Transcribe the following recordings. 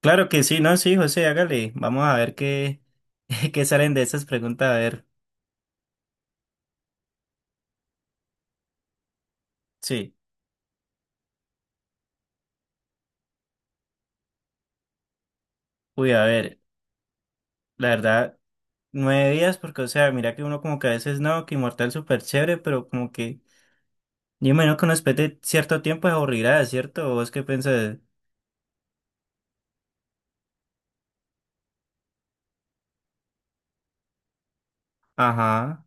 Claro que sí, no, sí, José, hágale. Vamos a ver qué, qué salen de esas preguntas. A ver, sí. Uy, a ver, la verdad, 9 días, porque, o sea, mira que uno como que a veces no, que inmortal es súper chévere, pero como que yo me que uno después cierto tiempo es aburrirá, ¿cierto? ¿Vos qué pensás? Ajá.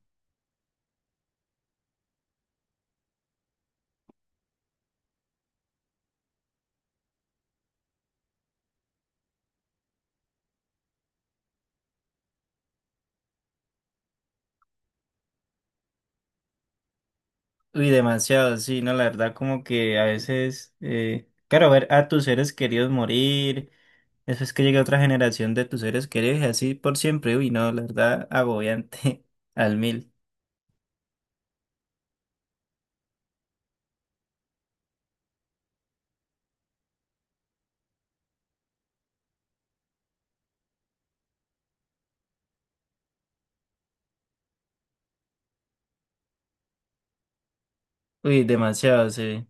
Uy, demasiado, sí, no, la verdad, como que a veces, claro, ver a tus seres queridos morir. Eso es que llega otra generación de tus seres queridos y así por siempre. Uy, no, la verdad, agobiante al mil. Uy, demasiado, sí.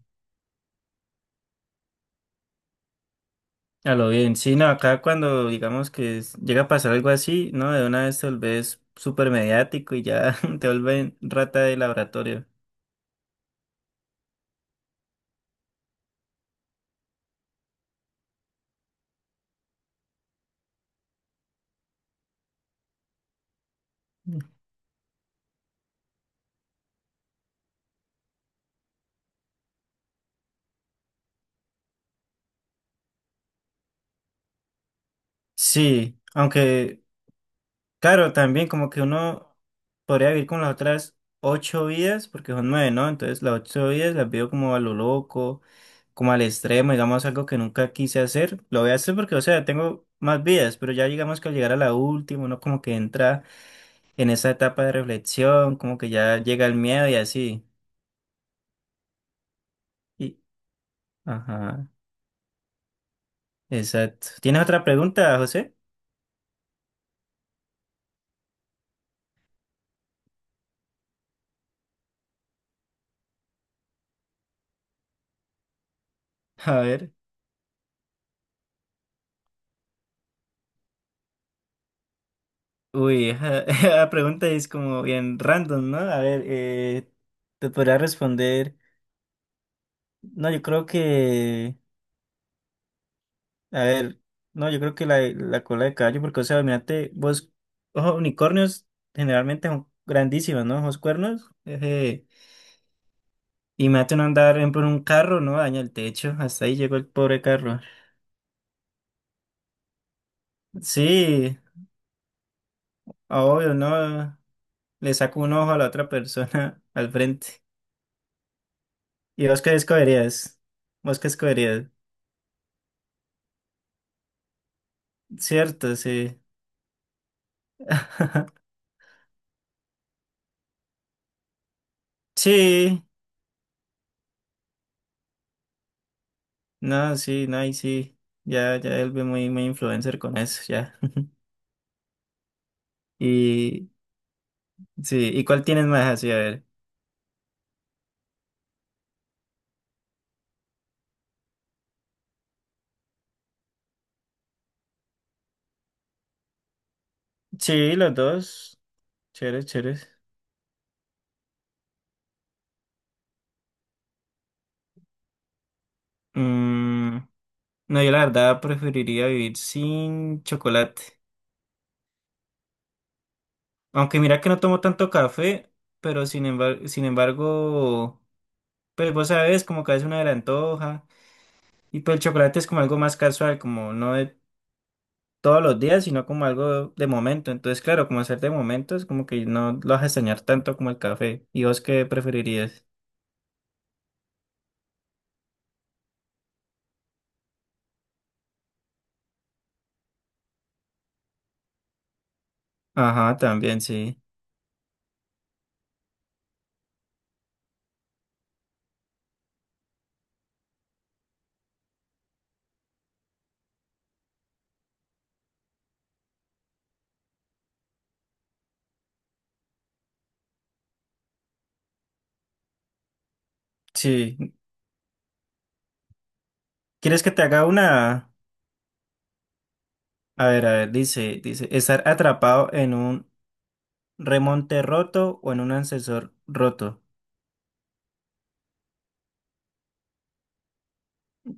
A lo bien. Sí, no, acá cuando digamos que llega a pasar algo así, ¿no? De una vez te volvés súper mediático y ya te vuelven rata de laboratorio. Sí, aunque, claro, también como que uno podría vivir con las otras ocho vidas, porque son nueve, ¿no? Entonces las ocho vidas las veo como a lo loco, como al extremo, digamos algo que nunca quise hacer. Lo voy a hacer porque, o sea, tengo más vidas, pero ya digamos que al llegar a la última, uno como que entra en esa etapa de reflexión, como que ya llega el miedo y así. Y, ajá, exacto. ¿Tienes otra pregunta, José? A ver. Uy, esa, esa pregunta es como bien random, ¿no? A ver, te podría responder. No, yo creo que. A ver, no, yo creo que la cola de caballo, porque, o sea, mirate, vos, ojos unicornios generalmente son grandísimos, ¿no? Ojos cuernos. Y me uno andar, por ejemplo, en un carro, ¿no? Daña el techo, hasta ahí llegó el pobre carro. Sí, ah, obvio, no le saco un ojo a la otra persona al frente. ¿Y vos qué escogerías? ¿Vos qué escogerías? Cierto, sí. Sí, no, sí, no, y sí. Ya, ya él ve muy, muy influencer con eso, ya. Y sí, ¿y cuál tienes más así? A ver. Sí, los dos. Chéveres, chéveres. Mm, no, yo la verdad preferiría vivir sin chocolate. Aunque mira que no tomo tanto café, pero sin embargo, sin embargo. Pues vos sabes, como que a veces uno se antoja. Y pues el chocolate es como algo más casual, como no de todos los días, sino como algo de momento. Entonces, claro, como hacer de momento es como que no lo vas a extrañar tanto como el café. ¿Y vos qué preferirías? Ajá, también, sí. Sí. ¿Quieres que te haga una? A ver, dice, estar atrapado en un remonte roto o en un ascensor roto.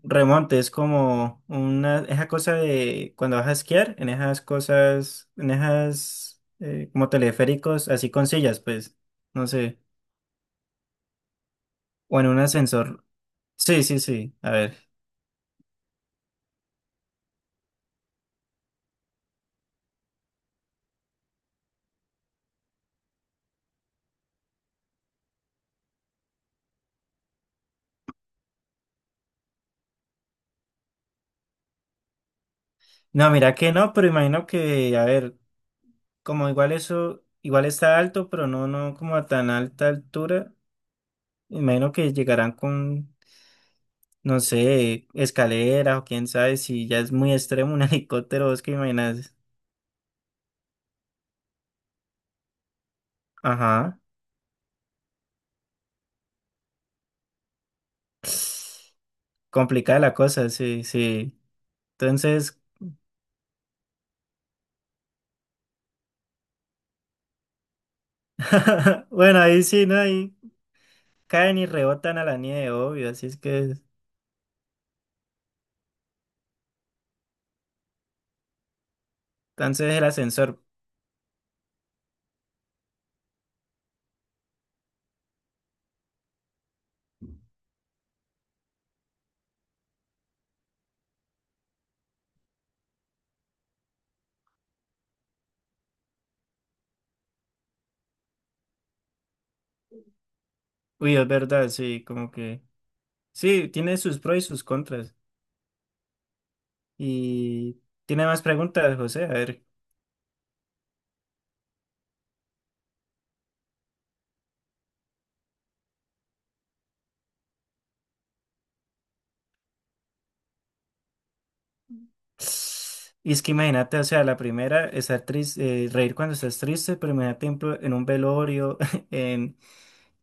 Remonte es como una, esa cosa de cuando vas a esquiar, en esas cosas, en esas como teleféricos, así con sillas, pues, no sé, o en un ascensor. Sí, sí, sí, a ver. No, mira que no, pero imagino que, a ver, como igual eso, igual está alto, pero no, no como a tan alta altura, imagino que llegarán con, no sé, escaleras o quién sabe si ya es muy extremo un helicóptero, ¿vos qué imaginas? Ajá. Complicada la cosa, sí, sí. Entonces, bueno, ahí sí, ¿no? Ahí caen y rebotan a la nieve, obvio, así es que, entonces el ascensor, uy, es verdad, sí, como que, sí, tiene sus pros y sus contras. Y tiene más preguntas, José, a ver. Y es que imagínate, o sea, la primera, estar triste, reír cuando estás triste, pero imagínate en un velorio, en,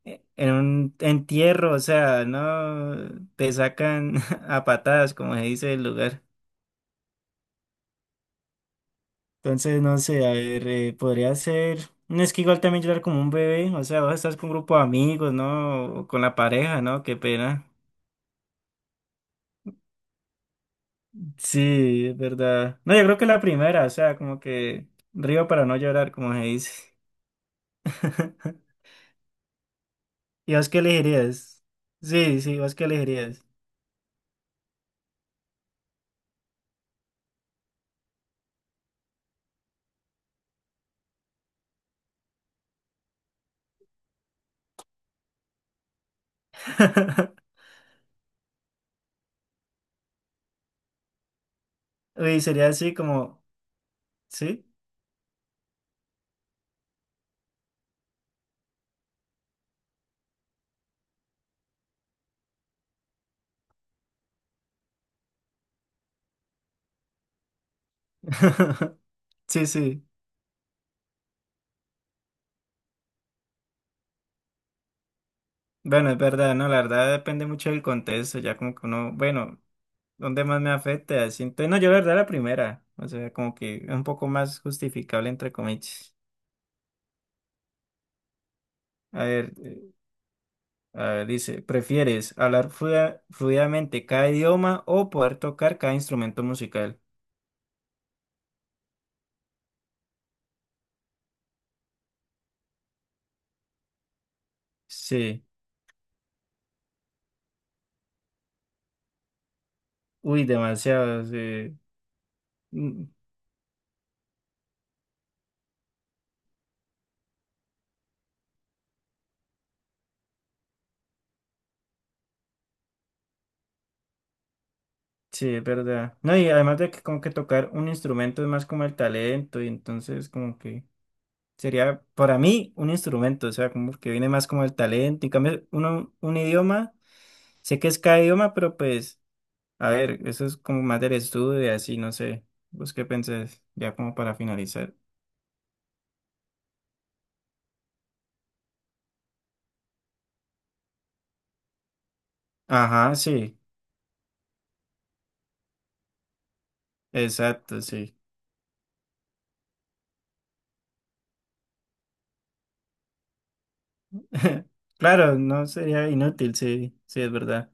en un entierro, o sea, no te sacan a patadas, como se dice el lugar. Entonces, no sé, a ver, podría ser. No es que igual también llorar como un bebé, o sea, vos estás con un grupo de amigos, ¿no? O con la pareja, ¿no? Qué pena. Sí, es verdad. No, yo creo que la primera, o sea, como que río para no llorar, como se dice. ¿Y vos qué elegirías? Sí, sí, ¿vos qué elegirías? Uy, sería así como, ¿sí? Sí, sí. Bueno, es verdad, ¿no? La verdad depende mucho del contexto, ya como que uno, bueno. ¿Dónde más me afecta? Siento, no, yo la verdad la primera, o sea, como que es un poco más justificable entre comillas. A ver, eh, a ver, dice, ¿prefieres hablar fluidamente cada idioma o poder tocar cada instrumento musical? Sí, uy, demasiado, sí. Mm. Sí, es verdad. No, y además de que como que tocar un instrumento es más como el talento, y entonces como que sería para mí un instrumento, o sea, como que viene más como el talento, en cambio uno, un idioma, sé que es cada idioma, pero pues. A ver, eso es como más del estudio y así, no sé. ¿Vos qué pensás? Ya como para finalizar. Ajá, sí, exacto, sí. Claro, no sería inútil, sí, sí, es verdad.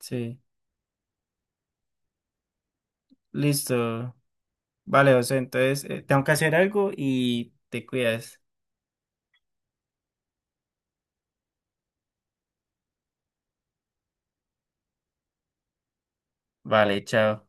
Sí, listo. Vale, José, entonces tengo que hacer algo y te cuidas. Vale, chao.